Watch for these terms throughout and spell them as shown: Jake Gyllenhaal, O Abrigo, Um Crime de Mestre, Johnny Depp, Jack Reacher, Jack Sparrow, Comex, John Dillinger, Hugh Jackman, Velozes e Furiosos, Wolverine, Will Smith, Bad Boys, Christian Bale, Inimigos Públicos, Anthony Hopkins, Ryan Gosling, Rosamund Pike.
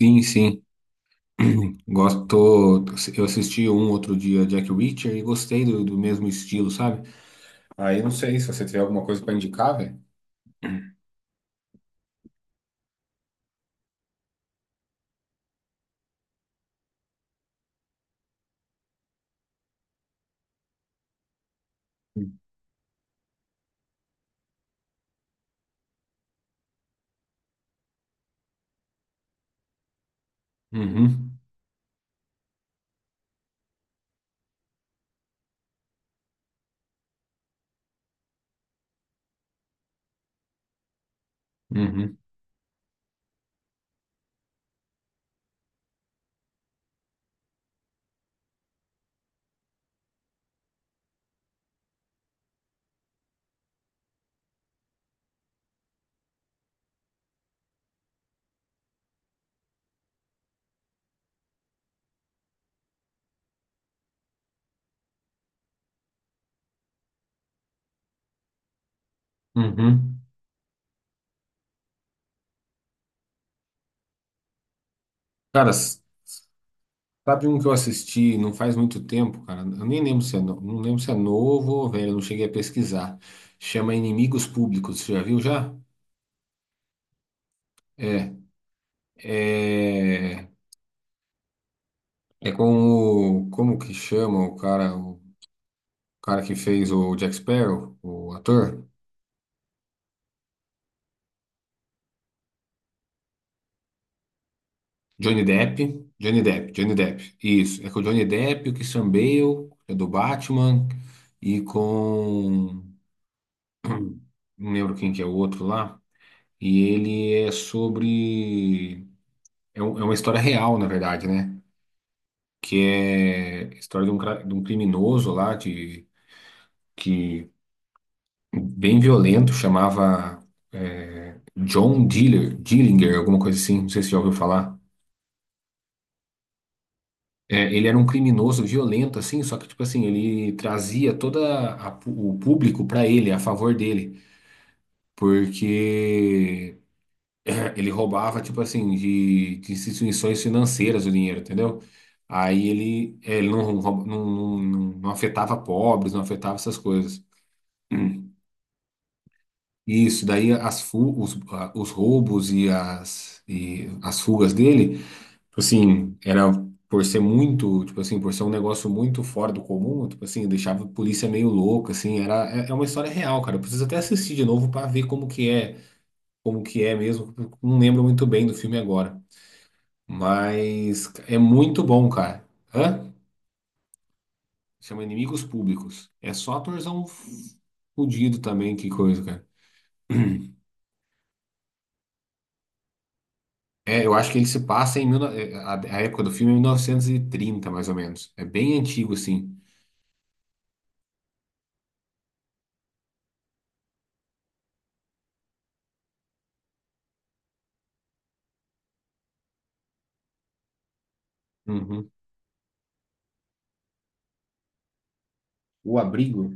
Sim, sim. Gosto. Eu assisti um outro dia Jack Reacher e gostei do mesmo estilo, sabe? Aí não sei se você tiver alguma coisa para indicar, velho. Uhum, uhum, uhum. Cara, s- sabe um que eu assisti não faz muito tempo, cara? Eu nem lembro se é, não lembro se é novo ou velho, eu não cheguei a pesquisar. Chama Inimigos Públicos, você já viu já? É, é, é com o, como que chama o cara que fez o Jack Sparrow, o ator? Johnny Depp, Johnny Depp, Johnny Depp. Isso, é com o Johnny Depp, o Christian Bale, é do Batman, e com. Não lembro quem que é o outro lá. E ele é sobre. É uma história real, na verdade, né? Que é a história de um, de um criminoso lá, de, que bem violento, chamava John Diller, Dillinger, alguma coisa assim, não sei se já ouviu falar. É, ele era um criminoso violento, assim, só que, tipo assim, ele trazia todo o público pra ele, a favor dele, porque ele roubava, tipo assim, de instituições financeiras o dinheiro, entendeu? Aí ele, ele não, não afetava pobres, não afetava essas coisas. Isso, daí as, os, os roubos e as fugas dele. Tipo assim, era por ser muito, tipo assim, por ser um negócio muito fora do comum, tipo assim, deixava a polícia meio louca, assim, era, é uma história real, cara. Eu preciso até assistir de novo pra ver como que é mesmo. Eu Não lembro muito bem do filme agora, mas é muito bom, cara. Hã? Chama Inimigos Públicos. É só atorzão fudido também, que coisa, cara. É, eu acho que ele se passa em mil, a época do filme é 1930 mais ou menos. É bem antigo, assim. Uhum. O Abrigo.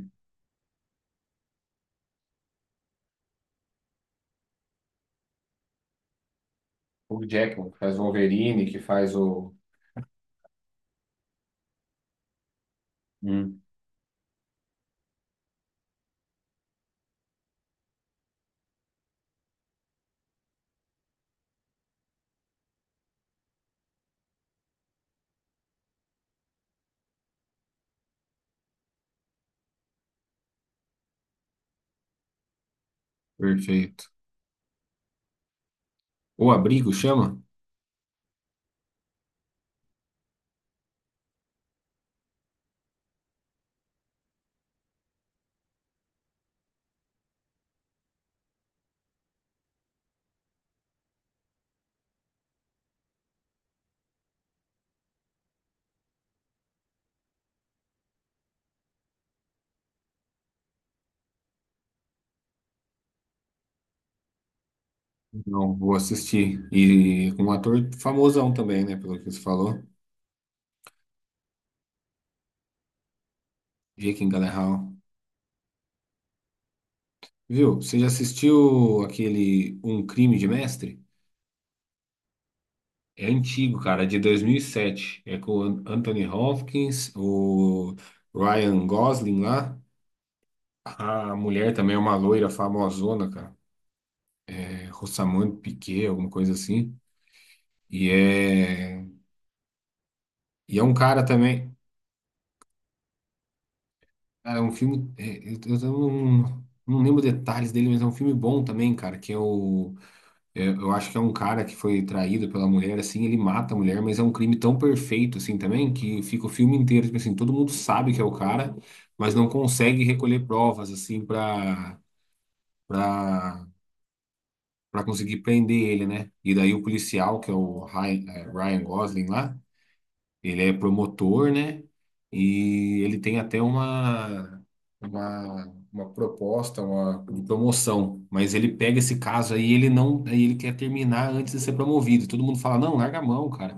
O Jackman, que faz o Wolverine, que faz o. Hum, perfeito. O Abrigo chama? Não, vou assistir. E com um ator famosão também, né? Pelo que você falou. Jake Gyllenhaal. Viu? Você já assistiu aquele Um Crime de Mestre? É antigo, cara, é de 2007. É com o Anthony Hopkins, o Ryan Gosling lá. A mulher também é uma loira famosona, cara. É Rosamund Pike, alguma coisa assim. E é, e é um cara também. Cara, é um filme. É, eu não, lembro detalhes dele, mas é um filme bom também, cara. Que é o. É, eu acho que é um cara que foi traído pela mulher, assim, ele mata a mulher, mas é um crime tão perfeito, assim, também, que fica o filme inteiro, tipo assim, todo mundo sabe que é o cara, mas não consegue recolher provas, assim, pra, pra conseguir prender ele, né? E daí o policial, que é o Ryan, Ryan Gosling lá. Ele é promotor, né? E ele tem até uma, uma proposta, uma de promoção. Mas ele pega esse caso aí, ele não, aí ele quer terminar antes de ser promovido. Todo mundo fala, não, larga a mão, cara.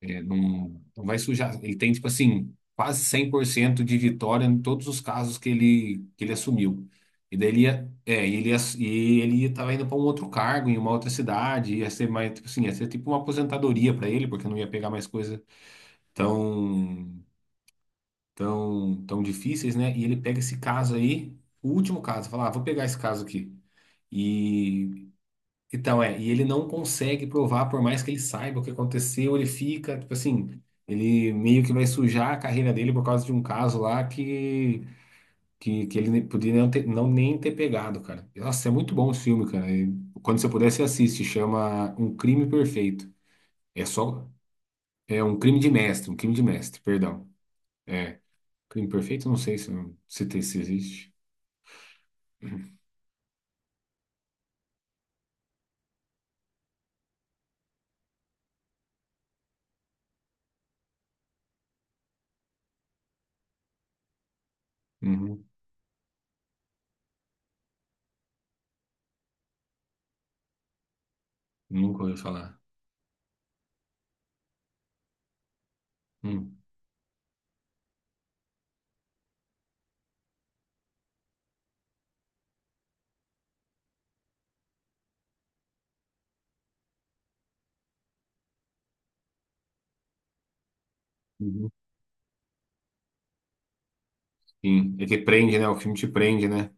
É, não, não vai sujar. Ele tem, tipo assim, quase 100% de vitória em todos os casos que ele assumiu. E daí ele ia, e ele estava indo para um outro cargo em uma outra cidade, ia ser mais, tipo assim, ia ser tipo uma aposentadoria para ele, porque não ia pegar mais coisa tão, tão, tão difíceis, né? E ele pega esse caso aí, o último caso, fala, ah, vou pegar esse caso aqui. E então e ele não consegue provar, por mais que ele saiba o que aconteceu, ele fica, tipo assim, ele meio que vai sujar a carreira dele por causa de um caso lá que ele podia não, ter, não nem ter pegado, cara. Nossa, é muito bom esse filme, cara. E quando você puder, você assiste, chama Um Crime Perfeito. É só é um crime de mestre, um crime de mestre, perdão. É, crime perfeito? Não sei se existe. Uhum. Nunca ouvi falar. Hum. Uhum. Sim, é que prende, né? O filme te prende, né?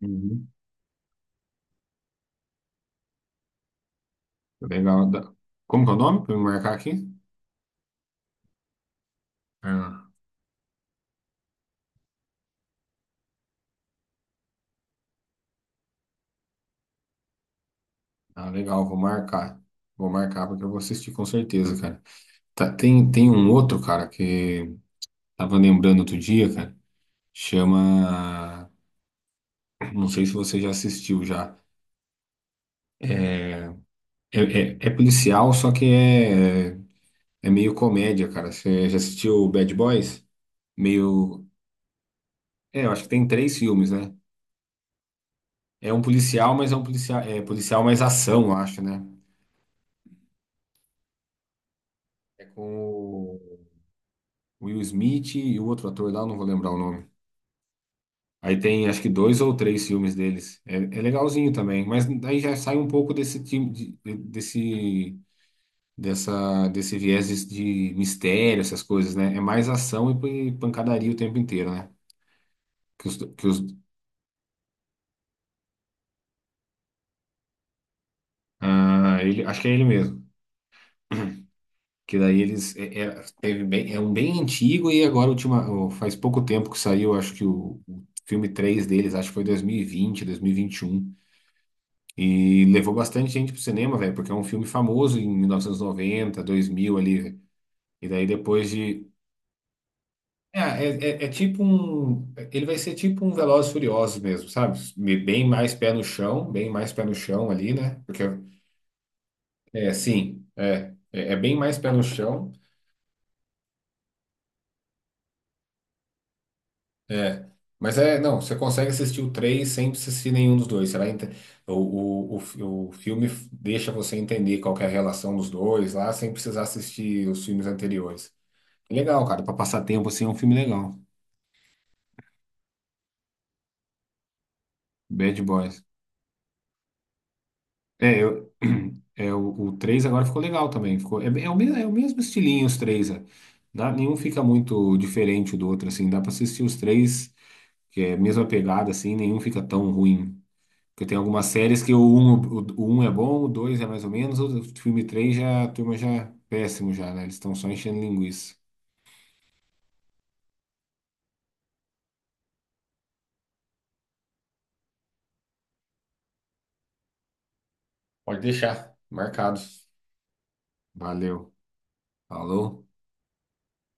Uhum. Legal. Como que é o nome pra eu marcar aqui? Ah, ah, legal, vou marcar. Vou marcar porque eu vou assistir com certeza, cara. Tá, tem um outro, cara, que tava lembrando outro dia, cara. Chama. Não sei se você já assistiu já. É, é policial, só que é meio comédia, cara. Você já assistiu Bad Boys? Meio. É, eu acho que tem três filmes, né? É um policial, mas é um policial, é policial mais ação, eu acho, né? É com o Will Smith e o outro ator lá, eu não vou lembrar o nome. Aí tem acho que dois ou três filmes deles. É, é legalzinho também, mas aí já sai um pouco desse time de- desse dessa desse viés de mistério, essas coisas, né? É mais ação e pancadaria o tempo inteiro, né? Que os, que os, ah, ele, acho que é ele mesmo. Que daí eles teve bem, é um bem antigo e agora última, faz pouco tempo que saiu, acho que o filme 3 deles, acho que foi dois mil e vinte vinte dois mil e um. E levou bastante gente pro cinema, velho, porque é um filme famoso em mil novecentos e noventa dois mil ali, velho. E daí depois de é, é, é tipo um, ele vai ser tipo um Velozes e Furiosos mesmo, sabe? Bem mais pé no chão, bem mais pé no chão ali, né? Porque é, sim, é bem mais pé no chão. É, mas é, não, você consegue assistir o 3 sem assistir nenhum dos dois. Você vai o filme deixa você entender qual que é a relação dos dois lá, sem precisar assistir os filmes anteriores. Legal, cara, pra passar tempo assim é um filme legal. Bad Boys. É, eu, é o 3 agora ficou legal também. Ficou, é o mesmo estilinho os três. É. Nenhum fica muito diferente do outro, assim. Dá pra assistir os três, que é a mesma pegada, assim, nenhum fica tão ruim. Porque tem algumas séries que um, um é bom, o 2 é mais ou menos, o filme 3 já, a turma já é péssimo já, né? Eles estão só enchendo linguiça. Pode deixar, marcado. Valeu. Falou.